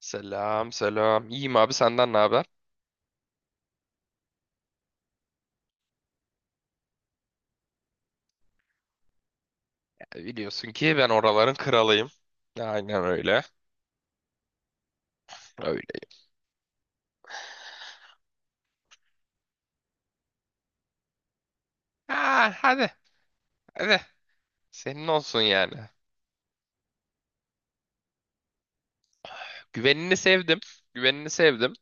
Selam selam. İyiyim abi senden ne haber? E, biliyorsun ki ben oraların kralıyım. Aynen öyle. Öyle. Ha, hadi hadi. Senin olsun yani. Güvenini sevdim. Güvenini sevdim.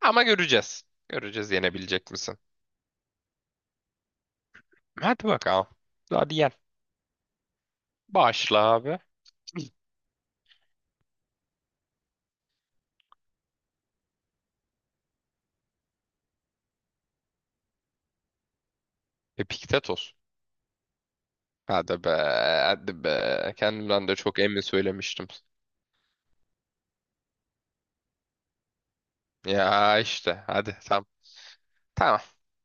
Ama göreceğiz. Göreceğiz yenebilecek misin? Hadi bakalım. Hadi yen. Başla abi. Epiktetos. Hadi be, hadi be. Kendimden de çok emin söylemiştim. Ya işte, hadi tamam. Tamam.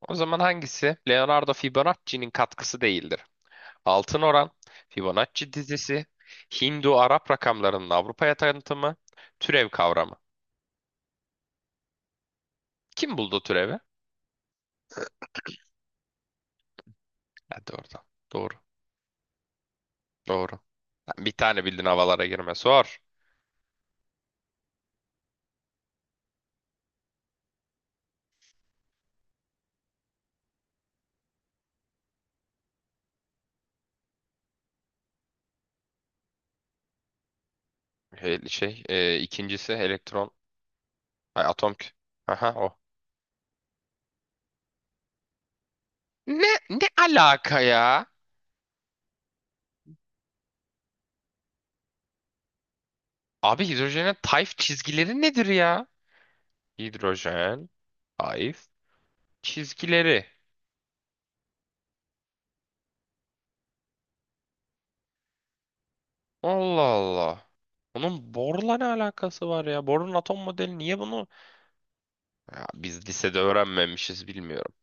O zaman hangisi? Leonardo Fibonacci'nin katkısı değildir. Altın Oran, Fibonacci dizisi, Hindu-Arap rakamlarının Avrupa'ya tanıtımı, türev kavramı. Kim buldu türevi? Hadi oradan. Doğru. Doğru. Bir tane bildin havalara girme. Sor. Şey, ikincisi elektron, ay, atom. Aha o. Ne alaka ya? Abi hidrojenin tayf çizgileri nedir ya? Hidrojen, tayf, çizgileri. Allah Allah. Onun borla ne alakası var ya? Borun atom modeli niye bunu? Ya biz lisede öğrenmemişiz bilmiyorum.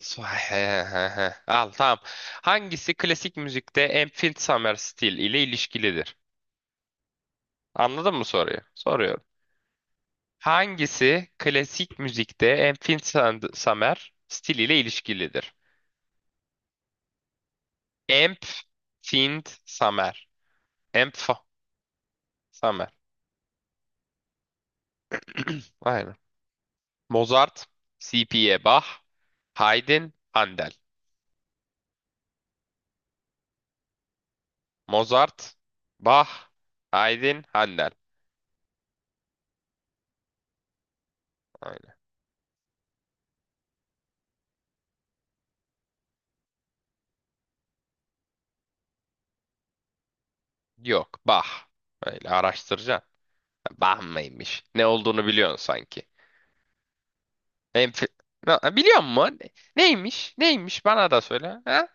Al tamam. Hangisi klasik müzikte Infinite Summer Style ile ilişkilidir? Anladın mı soruyu? Soruyorum. Hangisi klasik müzikte Infinite Summer Style ile ilişkilidir? Infinite Summer. Inf Summer. Aynen. Mozart, C.P.A. Bach, Haydn, Handel. Mozart, Bach, Haydn, Handel. Yok, bah. Öyle araştıracaksın. Bah mıymış? Ne olduğunu biliyorsun sanki. Enf biliyor musun? Neymiş? Neymiş? Bana da söyle. Ha?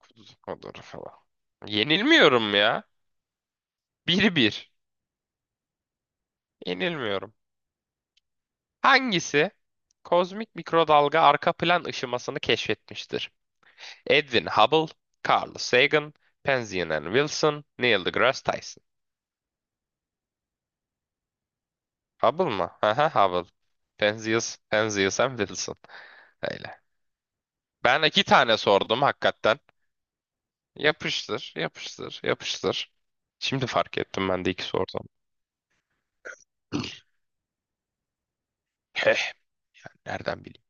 Kuzu Kudur falan. Yenilmiyorum ya. Bir bir Yenilmiyorum. Hangisi? Kozmik mikrodalga arka plan ışımasını keşfetmiştir. Edwin Hubble, Carl Sagan, Penzias and Wilson, Neil deGrasse Tyson. Hubble mı? Aha Hubble. Penzias, Penzias and Wilson. Öyle. Ben iki tane sordum hakikaten. Yapıştır, yapıştır, yapıştır. Şimdi fark ettim ben de iki sordum. Heh, ben nereden bileyim?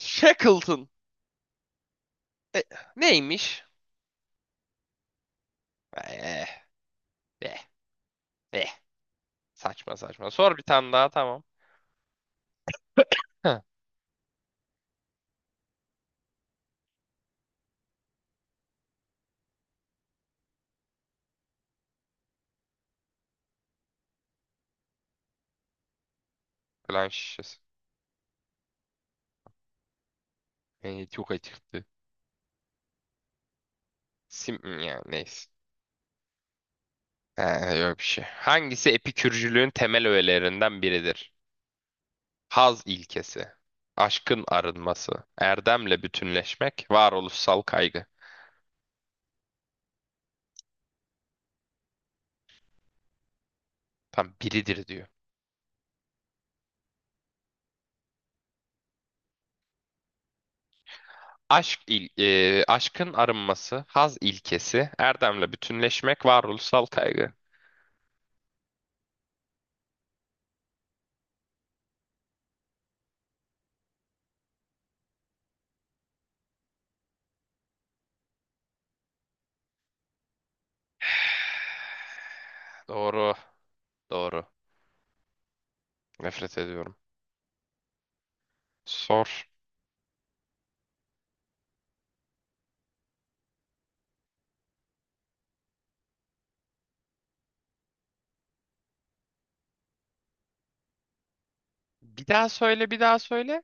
Shackleton. E, neymiş? Eh, eh, eh. Saçma saçma. Sor bir tane daha tamam. Heh, plan şişesi. Yani çok açıktı. Ya neyse. He, yok bir şey. Hangisi epikürcülüğün temel öğelerinden biridir? Haz ilkesi. Aşkın arınması. Erdemle bütünleşmek. Varoluşsal kaygı. Tam biridir diyor. Aşkın arınması, haz ilkesi, erdemle bütünleşmek, varoluşsal kaygı. Doğru, doğru. Nefret ediyorum. Sor. Bir daha söyle, bir daha söyle.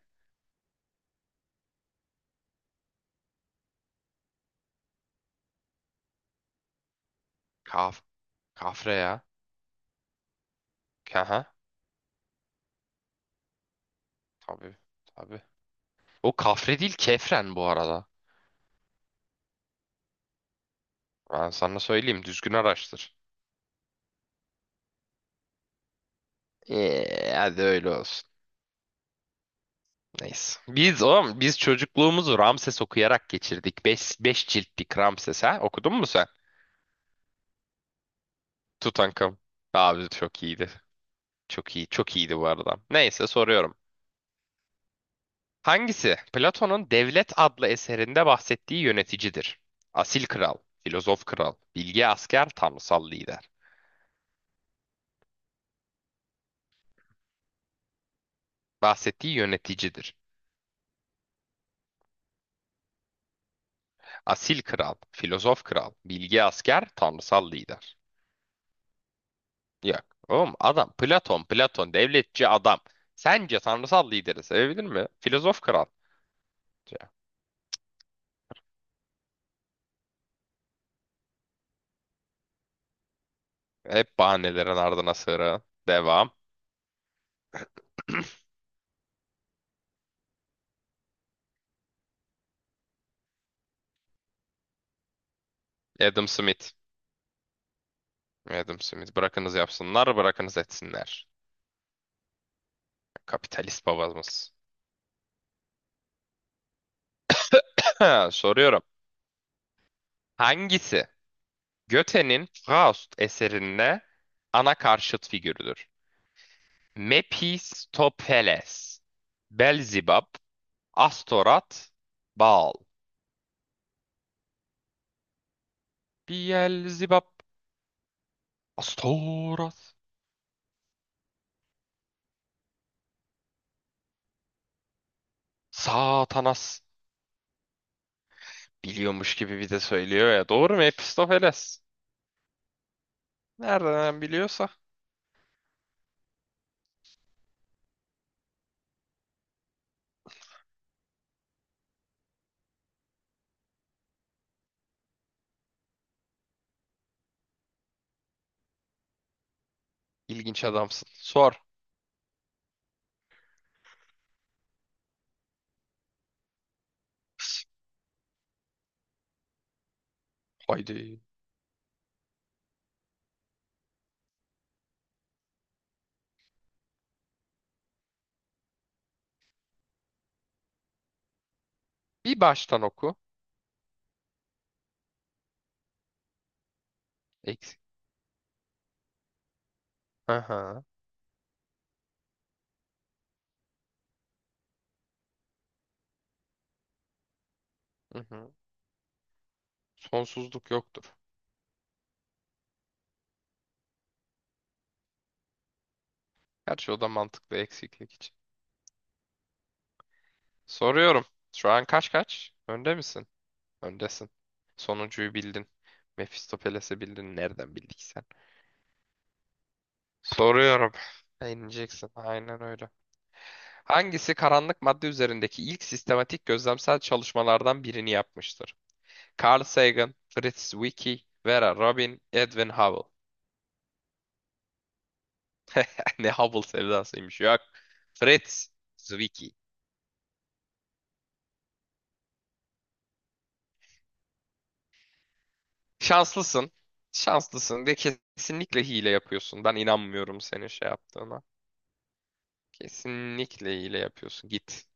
Kaf, kafre ya. Kaha, tabii, tabii. O kafre değil, kefren bu arada. Ben sana söyleyeyim, düzgün araştır. Hadi öyle olsun. Neyse. Biz oğlum, biz çocukluğumuzu Ramses okuyarak geçirdik. Beş ciltlik Ramses ha. Okudun mu sen? Tutankam. Abi çok iyiydi. Çok iyi, çok iyiydi bu arada. Neyse soruyorum. Hangisi Platon'un Devlet adlı eserinde bahsettiği yöneticidir? Asil kral, filozof kral, bilge asker, tanrısal lider. Bahsettiği yöneticidir. Asil kral, filozof kral, bilge asker, tanrısal lider. Yok. Oğlum adam Platon, Platon devletçi adam. Sence tanrısal lideri sevebilir mi? Filozof kral. Hep bahanelerin ardına sığıra. Devam. Adam Smith. Adam Smith bırakınız yapsınlar, bırakınız etsinler. Kapitalist babamız. Soruyorum. Hangisi Goethe'nin Faust eserinde ana karşıt figürüdür? Mephistopheles, Belzibab, Astorat, Baal. Beelzebub, Astorat, Satanas. Biliyormuş gibi bir de söylüyor ya. Doğru mu Mephistopheles? Nereden biliyorsa. İlginç adamsın. Sor. Haydi. Bir baştan oku. Eksik. Aha. Hı hı. Sonsuzluk yoktur. Gerçi o da mantıklı eksiklik için. Soruyorum. Şu an kaç kaç? Önde misin? Öndesin. Sonuncuyu bildin. Mephistopheles'i bildin. Nereden bildik sen? Soruyorum. İneceksin. Aynen öyle. Hangisi karanlık madde üzerindeki ilk sistematik gözlemsel çalışmalardan birini yapmıştır? Carl Sagan, Fritz Zwicky, Vera Rubin, Edwin Hubble. Ne Hubble sevdasıymış. Yok. Fritz Zwicky. Şanslısın. Şanslısın de, kesinlikle hile yapıyorsun. Ben inanmıyorum senin şey yaptığına. Kesinlikle hile yapıyorsun. Git.